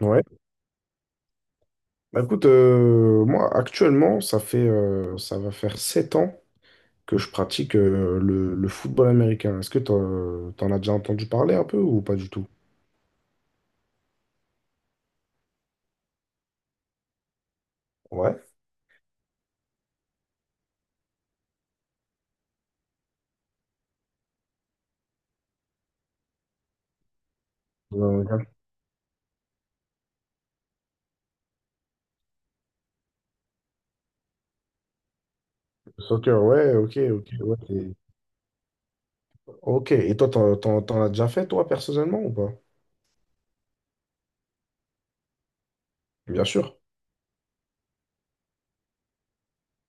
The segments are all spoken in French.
Ouais. Bah, écoute, moi actuellement, ça va faire 7 ans que je pratique le football américain. Est-ce que t'en as déjà entendu parler un peu ou pas du tout? Ouais. Euh, soccer, ouais, ok, ok, ouais, Ok, et toi, t'en as déjà fait, toi, personnellement, ou pas? Bien sûr.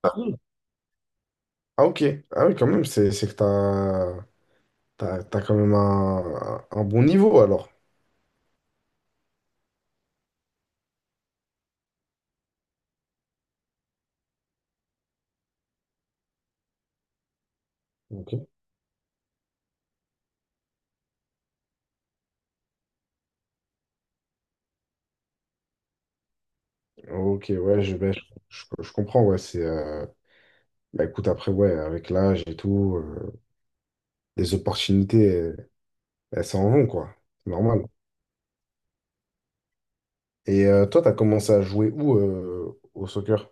Ah oui. Ah, ok. Ah oui, quand même, c'est que t'as quand même un bon niveau, alors. Ok. Ok, ouais, je, ben, je comprends, ouais, Bah écoute, après, ouais, avec l'âge et tout, les opportunités, elles s'en vont, quoi. C'est normal. Et toi, t'as commencé à jouer où au soccer?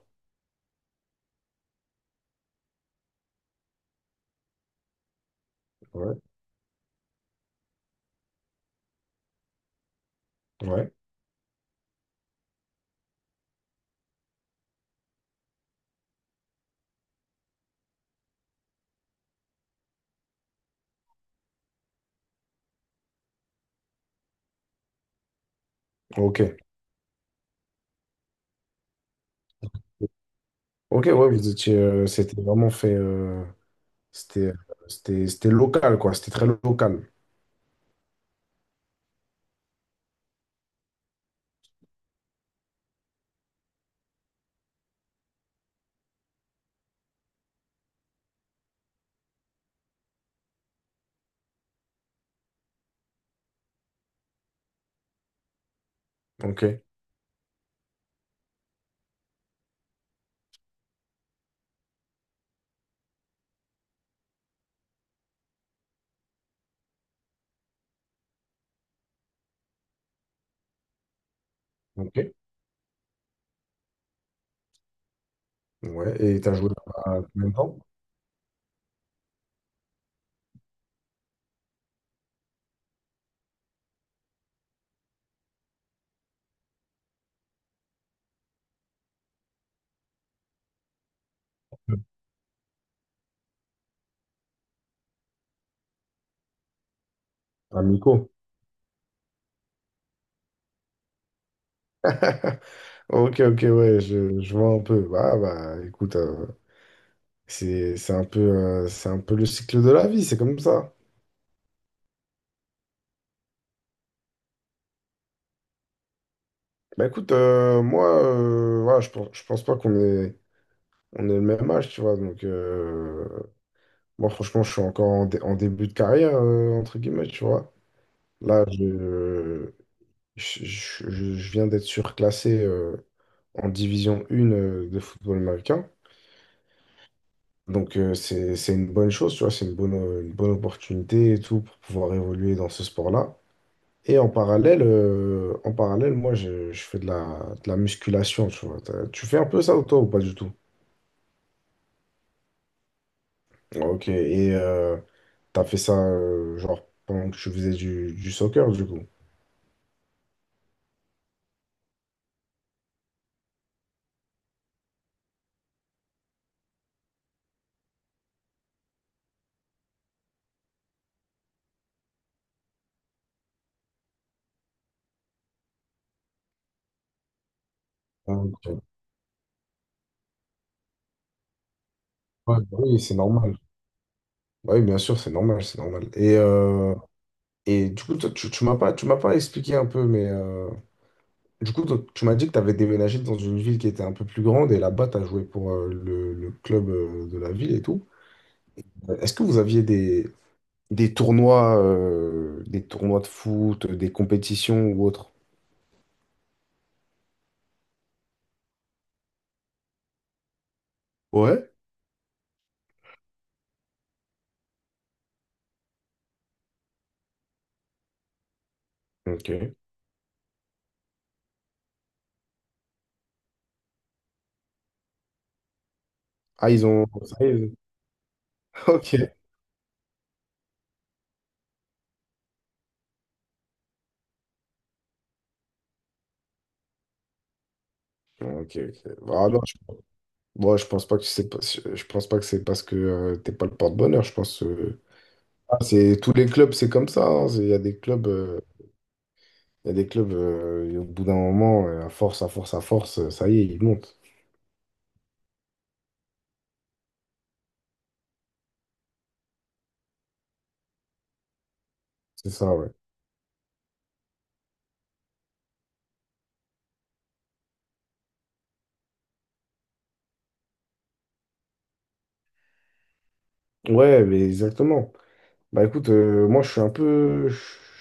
Ouais. Ouais. Ok. Ok, ouais, vous étiez, c'était vraiment fait, c'était, c'était local, quoi. C'était très local. Ok. Ok. Ouais. Et t'as joué à combien de temps? À Mico. Ok, ok, ouais, je vois un peu. Bah, écoute, c'est un peu le cycle de la vie, c'est comme ça. Bah écoute, moi, voilà, je pense pas on est le même âge, tu vois. Donc, moi, franchement, je suis encore en début de carrière, entre guillemets, tu vois. Là, je viens d'être surclassé en division 1 de football américain. Donc, c'est une bonne chose, tu vois. Une bonne opportunité et tout pour pouvoir évoluer dans ce sport-là. Et en parallèle, moi, je fais de la musculation, tu vois. Tu fais un peu ça ou toi ou pas du tout? Ok, et t'as fait ça genre pendant que tu faisais du soccer du coup. Ok. Ouais, bah oui, c'est normal. Oui, bien sûr, c'est normal, c'est normal. Et du coup, toi, tu m'as pas expliqué un peu, mais du coup, toi, tu m'as dit que tu avais déménagé dans une ville qui était un peu plus grande et là-bas, tu as joué pour le club de la ville et tout. Est-ce que vous aviez des tournois de foot, des compétitions ou autres? Ouais. Ok. Ah, ils ont. Ça, ils- Ok. Ok, ok. Ah non, moi, je pense pas que c'est pas- je pense pas que c'est parce que t'es pas le porte-bonheur. C'est tous les clubs, c'est comme ça. Hein. Il y a des clubs, et au bout d'un moment, à force, à force, à force, ça y est, ils montent. C'est ça, ouais. Ouais, mais exactement. Bah écoute, moi je suis un peu, je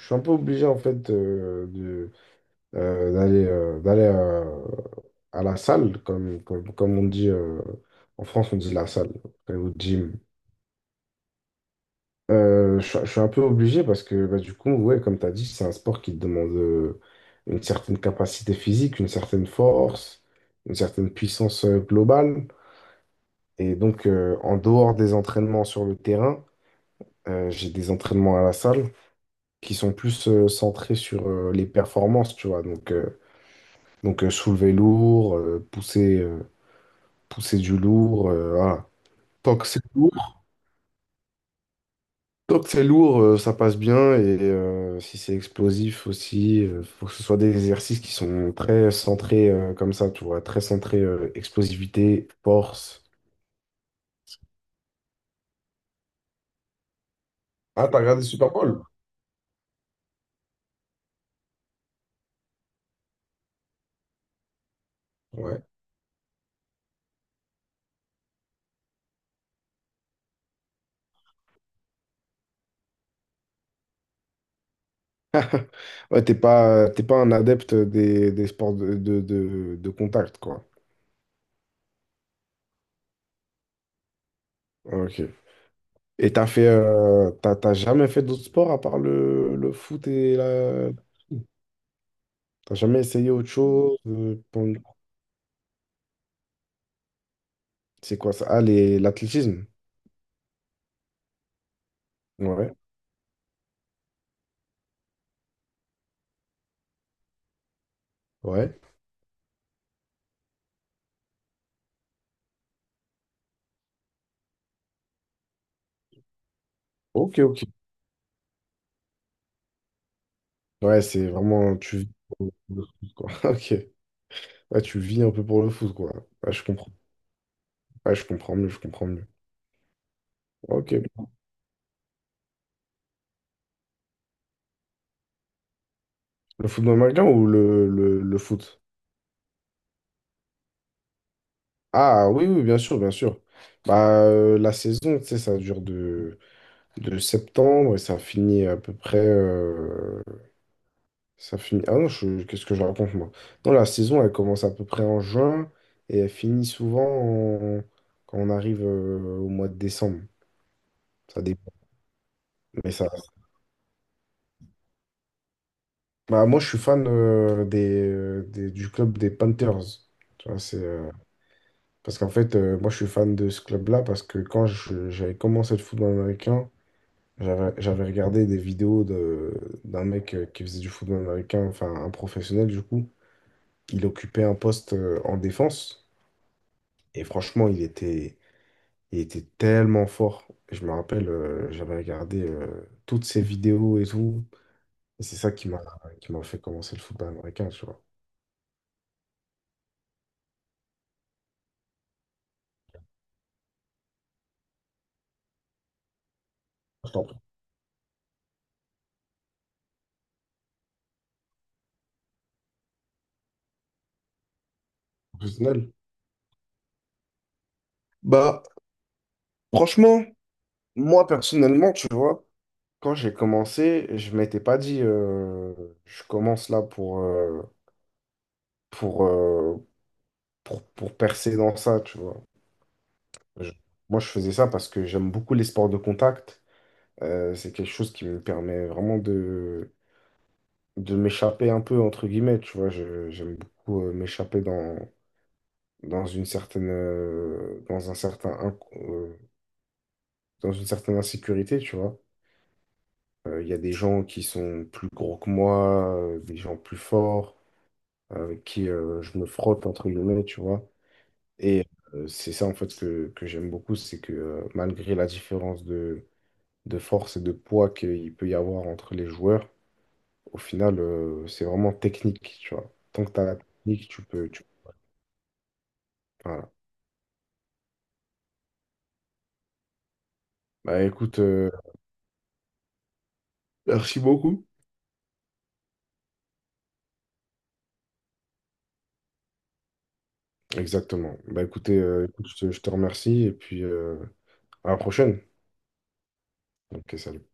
suis un peu obligé en fait de d'aller d'aller à la salle, comme on dit en France, on dit la salle, au gym. Je suis un peu obligé parce que bah, du coup, ouais, comme tu as dit, c'est un sport qui te demande une certaine capacité physique, une certaine force, une certaine puissance globale. Et donc, en dehors des entraînements sur le terrain, j'ai des entraînements à la salle qui sont plus centrés sur les performances, tu vois. Donc, soulever lourd, pousser du lourd, voilà. Tant que c'est lourd, donc c'est lourd, ça passe bien et si c'est explosif aussi, faut que ce soit des exercices qui sont très centrés comme ça, tu vois, très centrés explosivité, force. Ah, t'as regardé Super Bowl? Ouais. Ouais, t'es pas un adepte des sports de contact, quoi. Ok. Et t'as fait, t'as jamais fait d'autres sports à part le foot et la... T'as jamais essayé autre chose? C'est quoi ça? L'athlétisme. Ouais, ouais. Ok, ok. Ouais, c'est vraiment. Tu vis pour le foot, quoi. Ok. Ouais, tu vis un peu pour le foot, quoi. Ouais, je comprends. Ouais, je comprends mieux, je comprends mieux. Ok. Le football américain ou le foot? Ah, oui, oui, bien sûr, bien sûr. Bah, la saison, tu sais, ça dure de septembre et ça finit à peu près. Ça finit. Ah non, qu'est-ce que je raconte, moi? Non, la saison, elle commence à peu près en juin et elle finit souvent quand on arrive au mois de décembre. Ça dépend. Mais ça Bah, moi, je suis fan du club des Panthers. Tu vois, parce qu'en fait, moi, je suis fan de ce club-là parce que quand j'avais commencé le football américain, j'avais regardé des vidéos d'un mec qui faisait du football américain, enfin, un professionnel, du coup. Il occupait un poste en défense et franchement, il était tellement fort. Je me rappelle, j'avais regardé toutes ses vidéos et tout. Et c'est ça qui m'a fait commencer le football américain, tu vois. Je t'en prie, professionnel. Bah, franchement, moi personnellement, tu vois, quand j'ai commencé, je m'étais pas dit, je commence là pour, euh, pour percer dans ça, tu vois. Je- moi, je faisais ça parce que j'aime beaucoup les sports de contact. C'est quelque chose qui me permet vraiment de m'échapper un peu, entre guillemets, tu vois. J'aime beaucoup m'échapper dans une certaine, dans un certain, inc- euh, dans une certaine insécurité, tu vois. Il y a des gens qui sont plus gros que moi, des gens plus forts, avec qui je me frotte, entre guillemets, tu vois. Et c'est ça, en fait, que j'aime beaucoup, c'est que malgré la différence de force et de poids qu'il peut y avoir entre les joueurs, au final, c'est vraiment technique, tu vois. Tant que tu as la technique, voilà. Bah écoute, merci beaucoup. Exactement. Bah écoute, je te remercie et puis à la prochaine. Ok, salut.